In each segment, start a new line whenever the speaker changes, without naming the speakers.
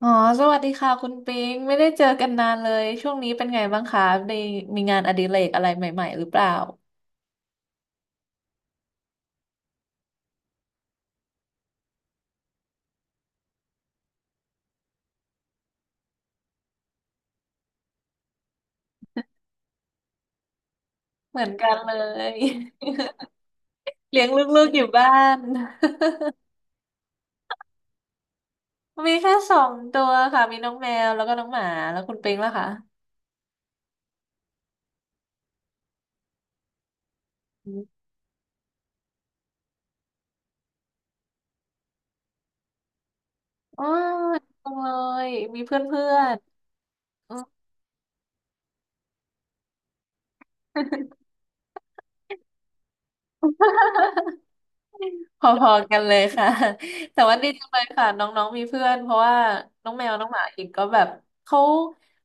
อ๋อ สวัสดีค่ะคุณปิงไม่ได้เจอกันนานเลย ช่วงนี้เป็นไงบ้างคะได้มีงานอดิเรกอะไรใหม่ๆหรือเปล่า เหมือนกันเลย เลี้ยงลูกๆอยู่บ้าน มีแค่สองตัวค่ะ มีน้องแมวแล้วก็น้องหมาแล้วคุณปิงล่ะคะอ๋อจังเลย มีเพื่อนๆอืม พอๆกันเลยค่ะ แต่ว่าดีจังเลยค่ะน้องๆมีเพื่อนเพราะว่าน้องแมวน้องหมาอีกก็แบบเขา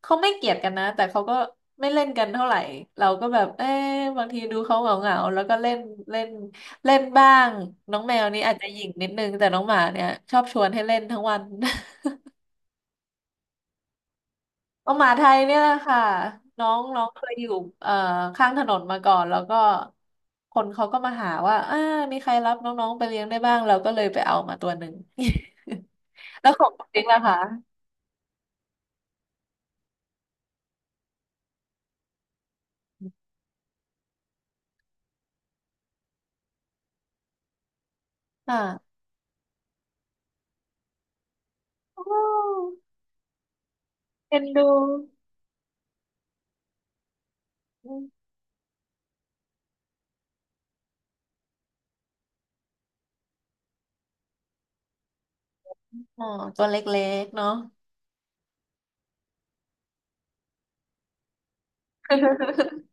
เขาไม่เกลียดกันนะแต่เขาก็ไม่เล่นกันเท่าไหร่เราก็แบบเอ๊ะบางทีดูเขาเหงาๆแล้วก็เล่นเล่นเล่นบ้างน้องแมวนี่อาจจะหยิ่งนิดนึงแต่น้องหมาเนี่ยชอบชวนให้เล่นทั้งวัน น้องหมาไทยเนี่ยแหละค่ะน้องน้องเคยอยู่เอ่อข้างถนนมาก่อนแล้วก็คนเขาก็มาหาว่าอ่ามีใครรับน้องๆไปเลี้ยงได้บ้างเราก็เลยไปเอามาตัวหนึ่ง แล้วของคุณติ๊กนะคะค่ะโอ้เอ็นดูอมอ๋อ ตัวเล็กๆเนาะ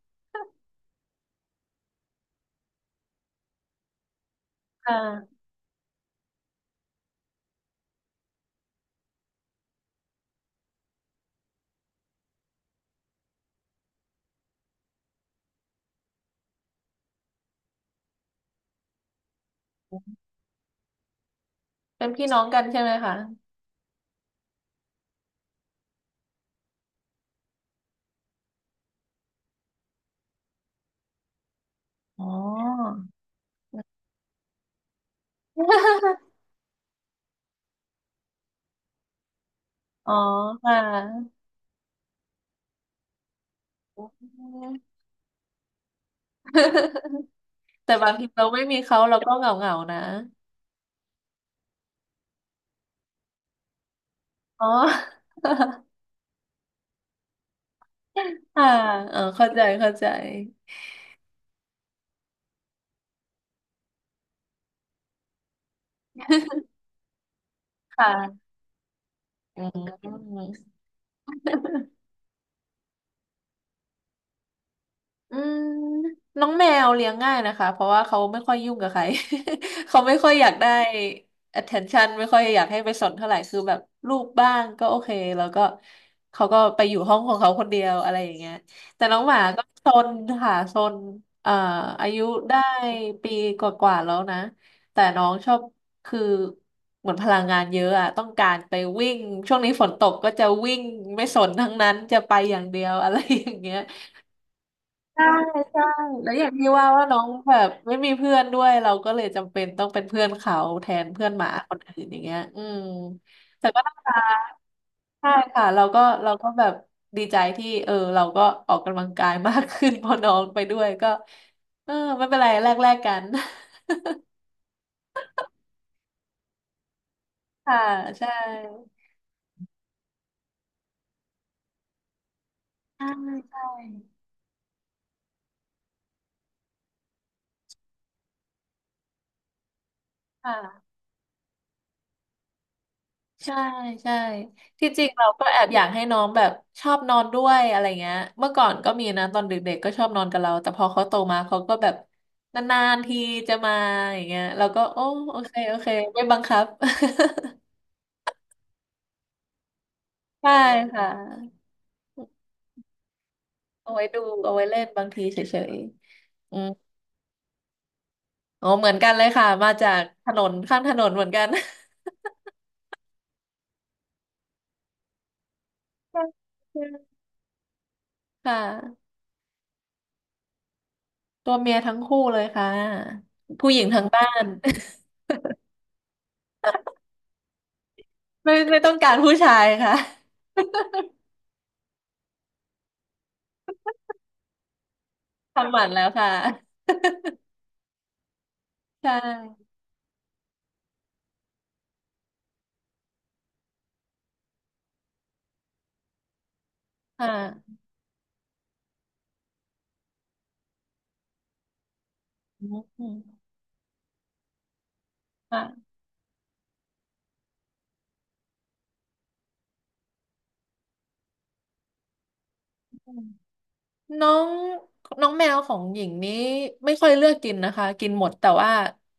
ค่ะเป็นพี่น้องกันใช่ไหมคะอ๋อ อ๋อค่ะ อืมแต่บางทีเราไม่มีเขาเราก็เหงาเหงานะ อ๋อ ค่ะเออเข้าใจเข้าใจ ค่ะอืม อืมน้องแมวเลี้ยงง่ายนะคะเพราะว่าเขาไม่ค่อยยุ่งกับใคร เขาไม่ค่อยอยากได้ attention ไม่ค่อยอยากให้ไปสนเท่าไหร่คือแบบลูปบ้างก็โอเคแล้วก็เขาก็ไปอยู่ห้องของเขาคนเดียวอะไรอย่างเงี้ยแต่น้องหมาก็ซนค่ะซนเอ่ออายุได้ปีกว่าๆแล้วนะแต่น้องชอบคือเหมือนพลังงานเยอะอะต้องการไปวิ่งช่วงนี้ฝนตกก็จะวิ่งไม่สนทั้งนั้นจะไปอย่างเดียวอะไรอย่างเงี้ย ใช่ใช่แล้วอย่างที่ว่าว่าน้องแบบไม่มีเพื่อนด้วยเราก็เลยจำเป็นต้องเป็นเพื่อนเขาแทนเพื่อนหมาคนอื่นอย่างเงี้ยอืมแต่ก็น่ารักใช่ค่ะเราก็แบบดีใจที่เออเราก็ออกกำลังกายมากขึ้น พอน้องไปด้วยก็เออไม่เป็นไรแลกแลกกัน ค่ะใช่ใช่ใช่ค่ะ ใช่ใช่ที่จริงเราก็แอบอยากให้น้องแบบชอบนอนด้วยอะไรเงี้ยเมื่อก่อนก็มีนะตอนเด็กๆก็ชอบนอนกับเราแต่พอเขาโตมาเขาก็แบบนานๆทีจะมาอย่างเงี้ยเราก็โอ้โอเคโอเคไม่บังคับ ใช่ค่ะเอาไว้ดูเอาไว้เล่นบางทีเฉยๆอืมอ๋อเหมือนกันเลยค่ะมาจากถนนข้างถนนเหมือนกัน ใช่ใช่ค่ะตัวเมียทั้งคู่เลยค่ะผู้หญิงทั้งบ้าน ไม่ไม่ต้องการผู้ชายค่ะ ทำหมันแล้วค่ะใช่ค่ะอืมค่ะ น้องน้องแมวของหญิงนี้ไม่ค่อยเลือกกินนะคะกินหมดแต่ว่า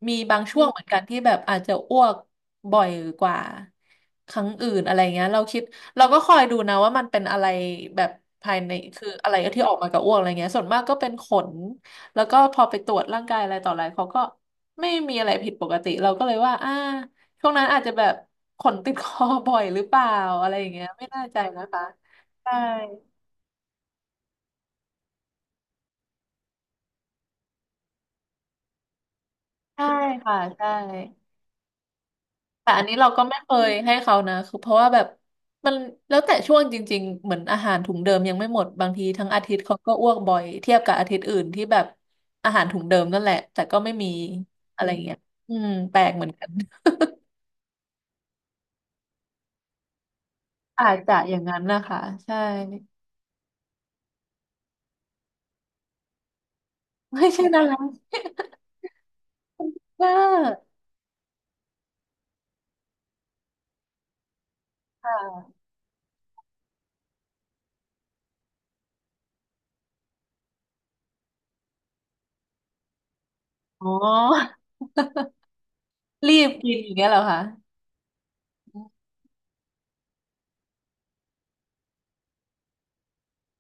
มีบางช่วงเหมือนกันที่แบบอาจจะอ้วกบ่อยกว่าครั้งอื่นอะไรเงี้ยเราก็คอยดูนะว่ามันเป็นอะไรแบบภายในคืออะไรที่ออกมากับอ้วกอะไรเงี้ยส่วนมากก็เป็นขนแล้วก็พอไปตรวจร่างกายอะไรต่ออะไรเขาก็ไม่มีอะไรผิดปกติเราก็เลยว่าอ่าช่วงนั้นอาจจะแบบขนติดคอบ่อยหรือเปล่าอะไรอย่างเงี้ยไม่แน่ใจนะคะใช่ใช่ค่ะใช่ แต่อันนี้เราก็ไม่เคยให้เขานะคือเพราะว่าแบบมันแล้วแต่ช่วงจริงๆเหมือนอาหารถุงเดิมยังไม่หมดบางทีทั้งอาทิตย์เขาก็อ้วกบ่อยเทียบกับอาทิตย์อื่นที่แบบอาหารถุงเดิมนั่นแหละแต่ก็ไม่มีอะไรเงี้ยอืมแปลกเหมือนกันอาจจะอย่างนั้นนะคะใช่ไม่ใช่นารัสกาค่ะอ๋อรีบกินอย่างเงี้ยเหรอคะ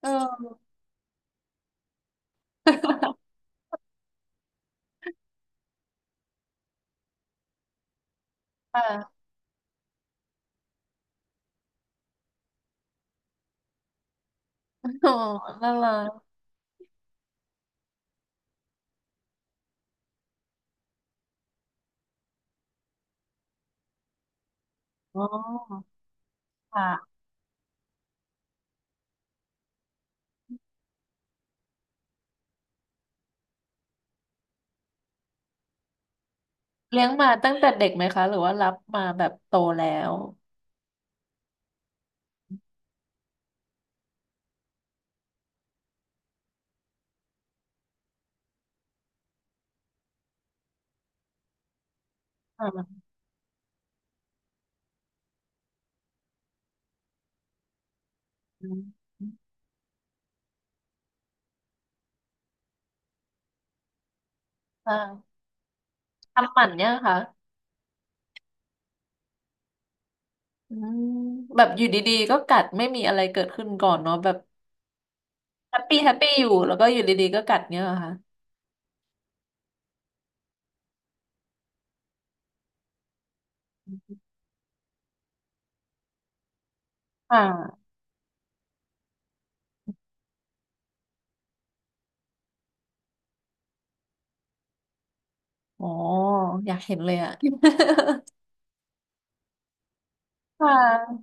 เออ ค่ะอ๋อน่ารักอ๋อค่ะ เลี้ยงมาตั้งแต่เด็กไหมคะหรือว่ารับมาแบบโตแล้วอ่าอ่าทำหมันเนี่ยค่ะอืมแบบอยู่ดีๆก็กัดไม่มีอะไรเกิดขึ้นก่อนเนาะแบบแฮปปี้แฮปปี้อยู่แล้วก็อยู่ดีๆก็กัดเนี่ยเหรอค่ะค่ะอ๋ออยากเห็นเลยอะ ค่ะ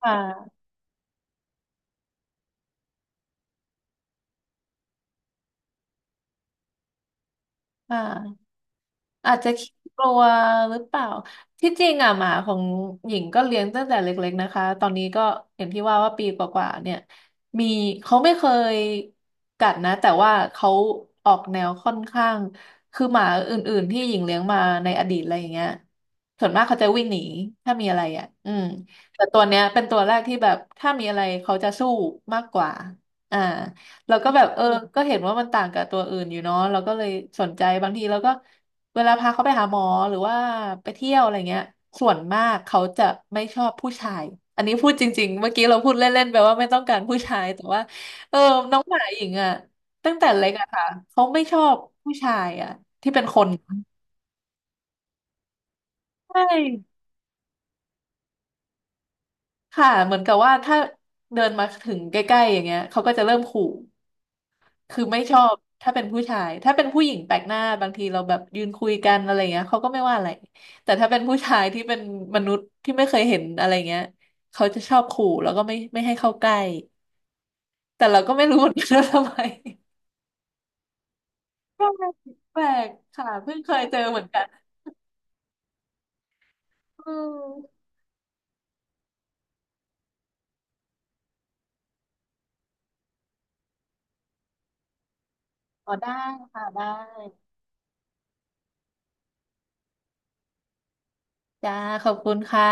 ค่ะค่ะ อาจจะขี้กลัวหรือเปล่าที่จริงอ่ะหมาของหญิงก็เลี้ยงตั้งแต่เล็กๆนะคะตอนนี้ก็อย่างที่ว่าว่าปีกว่าๆเนี่ยมีเขาไม่เคยกัดนะแต่ว่าเขาออกแนวค่อนข้างคือหมาอื่นๆที่หญิงเลี้ยงมาในอดีตอะไรอย่างเงี้ยส่วนมากเขาจะวิ่งหนีถ้ามีอะไรอ่ะอืมแต่ตัวเนี้ยเป็นตัวแรกที่แบบถ้ามีอะไรเขาจะสู้มากกว่าอ่าเราก็แบบเออก็เห็นว่ามันต่างกับตัวอื่นอยู่เนาะเราก็เลยสนใจบางทีเราก็ เวลาพาเขาไปหาหมอหรือว่าไปเที่ยวอะไรเงี้ยส่วนมากเขาจะไม่ชอบผู้ชายอันนี้พูดจริงๆเมื่อกี้เราพูดเล่นๆไปว่าไม่ต้องการผู้ชายแต่ว่าเออน้องหมาหญิงอ่ะตั้งแต่เล็กอะค่ะเขาไม่ชอบผู้ชายอ่ะใช่ค่ะเหมือนกับว่าถ้าเดินมาถึงใกล้ๆอย่างเงี้ยเขาก็จะเริ่มขู่ คือไม่ชอบถ้าเป็นผู้ชายถ้าเป็นผู้หญิงแปลกหน้าบางทีเราแบบยืนคุยกันอะไรเงี้ยเขาก็ไม่ว่าอะไรแต่ถ้าเป็นผู้ชายที่เป็นมนุษย์ที่ไม่เคยเห็นอะไรเงี้ยเขาจะชอบขู่แล้วก็ไม่ให้เข้าใกล้แต่เราก็ไม่รู้เหมือนกันว่าทำไมแปลกแปลกค่ะเพิ่งเคยเจอเหมือนกันอืมอ๋อได้ค่ะได้จ้าขอบคุณค่ะ